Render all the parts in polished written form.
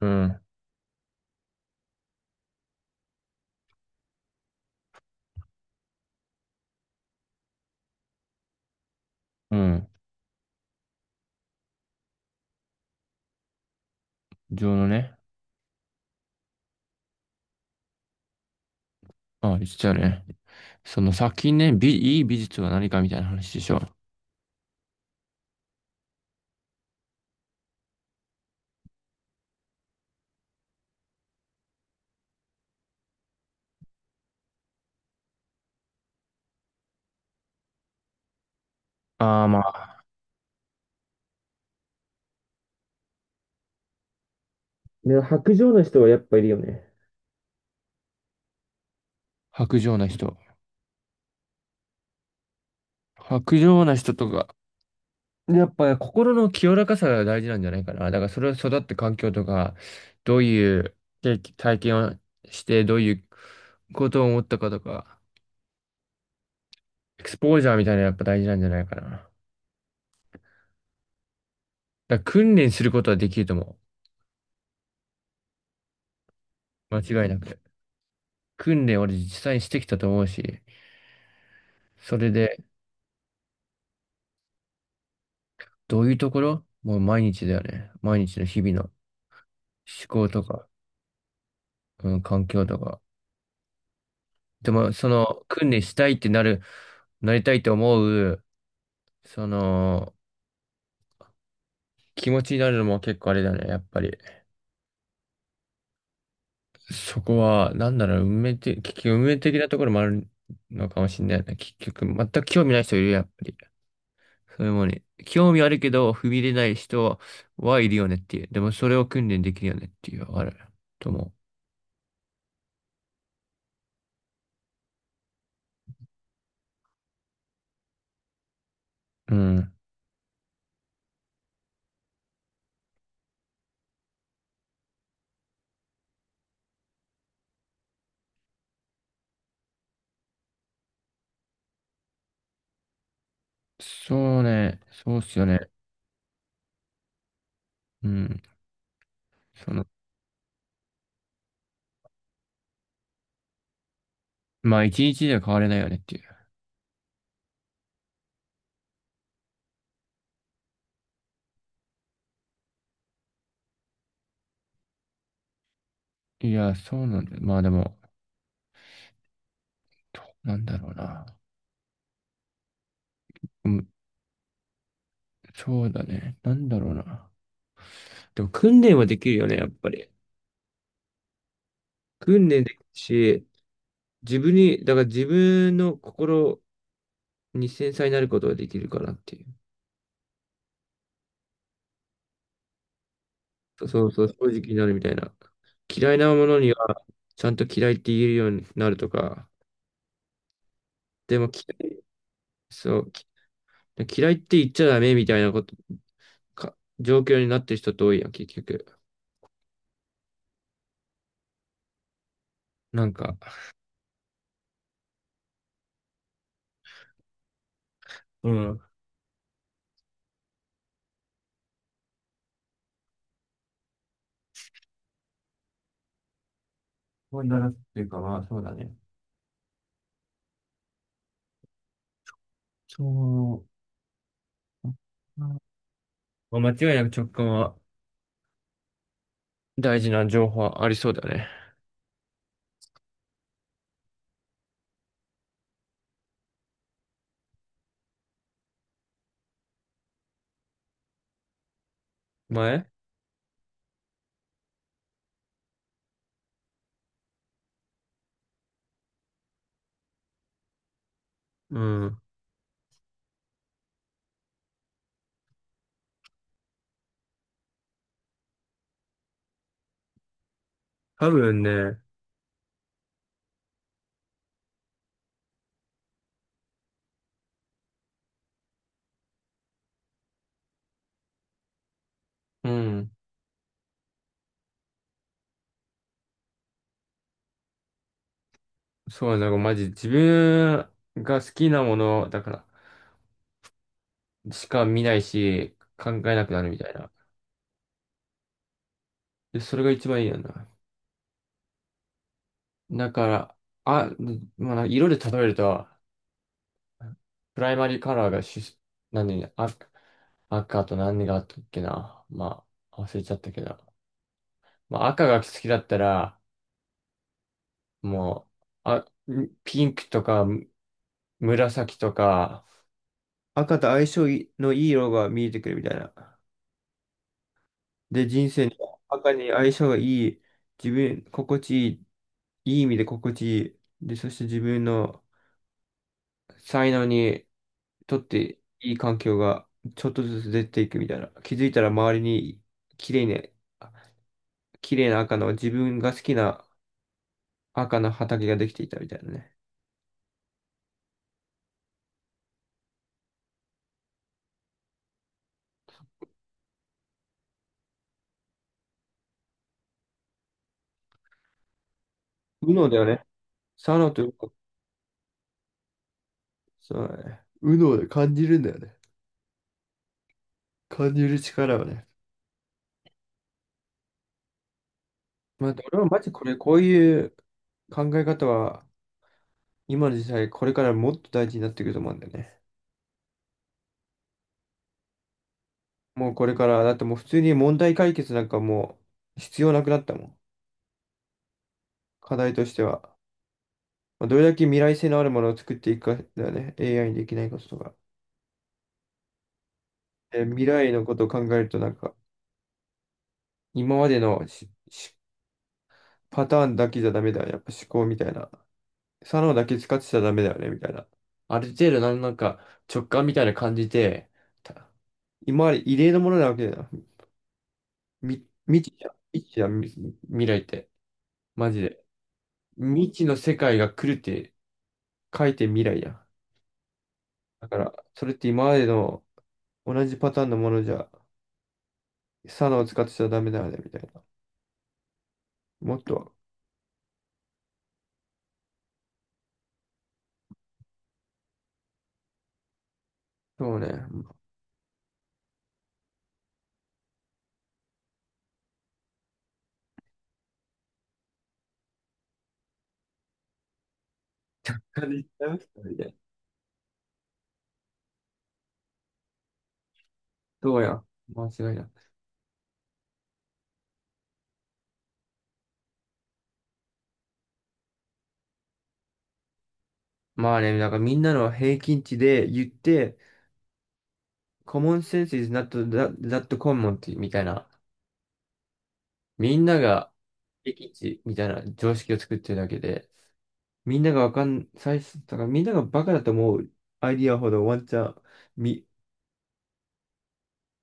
うん、うん。情のね。あ、言っちゃうね。その先ね、いい美術は何かみたいな話でしょ。ああ、まあ、でも白状な人はやっぱいるよね。薄情な人。薄情な人とか、やっぱり心の清らかさが大事なんじゃないかな。だからそれは育った環境とか、どういう経験体験をして、どういうことを思ったかとか、エクスポージャーみたいなのやっぱ大事なんじゃないかな。だから訓練することはできると思う。間違いなく。訓練俺実際にしてきたと思うし。それで、どういうところもう毎日だよね。毎日の日々の思考とか、うん、環境とか。でも、その、訓練したいってなる、なりたいと思う、その、気持ちになるのも結構あれだね、やっぱり。そこは、なんだろう、運命的、結局運命的なところもあるのかもしれないね。結局、全く興味ない人いるよ、やっぱり。そういうものに。興味あるけど、踏み入れない人はいるよねっていう。でも、それを訓練できるよねっていう、あると思う。うん。そうね。そうっすよね。うん。その、まあ、一日では変われないよねっていう。いや、そうなんだよ。まあでも、どうなんだろうな。うん、そうだね。なんだろうな。でも訓練はできるよね、やっぱり。訓練できるし、自分に、だから自分の心に繊細になることができるかなっていう。そうそう、正直になるみたいな。嫌いなものには、ちゃんと嫌いって言えるようになるとか、でも嫌い、そう、嫌いって言っちゃダメみたいなことか状況になってる人って多いやん、結局。なんか、うん。そうだなっていうか、まあ、そうだね。そう。まあ間違いなく直感は大事な情報はありそうだね。前うん。多分ね、うん。そうなんかマジ自分が好きなものだからしか見ないし考えなくなるみたいな。で、それが一番いいよな。だから、あ、まあ、色で例えると、プライマリーカラーがし、何、赤、赤と何があったっけな。まあ、忘れちゃったけど。まあ、赤が好きだったら、もう、あ、ピンクとか紫とか、赤と相性のいい色が見えてくるみたいな。で、人生に赤に相性がいい、自分、心地いい、いい意味で心地いい。で、そして自分の才能にとっていい環境がちょっとずつ出ていくみたいな。気づいたら周りに綺麗ね、綺麗な赤の自分が好きな赤の畑ができていたみたいなね。右脳だよね。左脳と右脳、そうだね。右脳で感じるんだよね。感じる力をね。まあ、俺はマジこれ、こういう考え方は今の時代これからもっと大事になってくると思うんだよね。もうこれから、だってもう普通に問題解決なんかもう必要なくなったもん。課題としては。まあ、どれだけ未来性のあるものを作っていくかだよね。AI にできないこととか。未来のことを考えると、なんか、今までのパターンだけじゃダメだよね。やっぱ思考みたいな。左脳だけ使ってちゃダメだよね、みたいな。ある程度なん、なんか直感みたいな感じで、た今まで異例のものなわけだよ。未知じゃん。未知じゃん、未来って。マジで。未知の世界が来るって書いて未来やん。だから、それって今までの同じパターンのものじゃサナを使ってちゃダメだよね、みたいな。もっと、そうね。みたいな。そうやん。間違いない。まあね、なんかみんなの平均値で言って、common sense is not that, that common みたいな。みんなが平均値みたいな常識を作ってるだけで、みんながわかん、最初、だからみんながバカだと思うアイディアほどワンチャンみ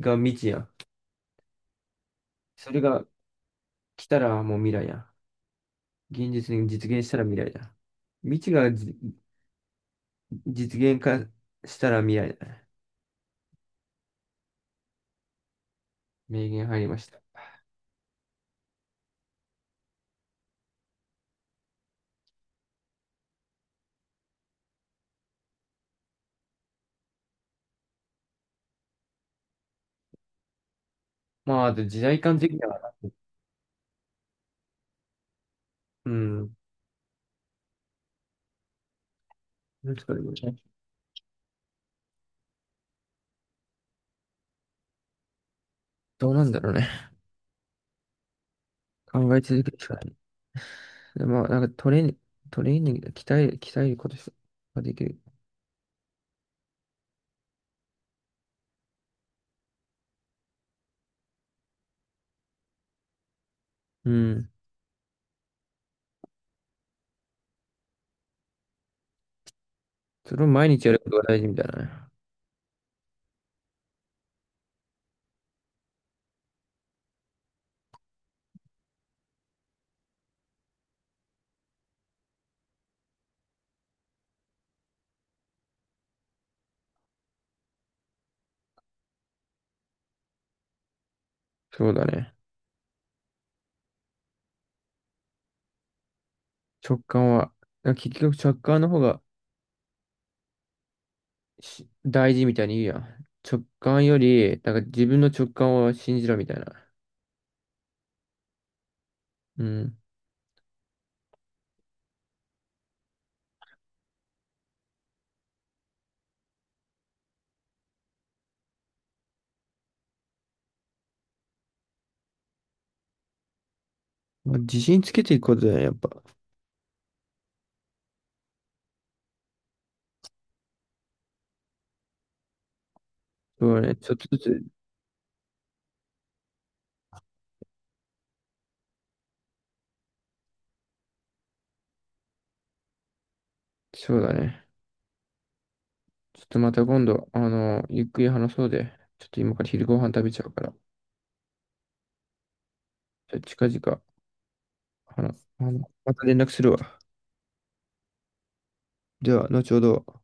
が未知やん。それが来たらもう未来やん。現実に実現したら未来だ。未知が実現化したら未来だね。名言入りました。まあ、あと時代感的には、うん。なんですかね、これねどうなんだろうね。考え続けるしかない。でまあ、トレーニングで鍛えることができる。うん。それを毎日やることが大事みたいなね。そうだね。直感は、なんか結局直感の方が大事みたいに言うやん。直感より、なんか自分の直感を信じろみたいな。うん。まあ、自信つけていくことだね、やっぱ。そうだね。ちょっとずつ、そうだね。ちょっとまた今度、あの、ゆっくり話そうで。ちょっと今から昼ご飯食べちゃうから。じゃあ近々、あの、あの、また連絡するわ。では、後ほど。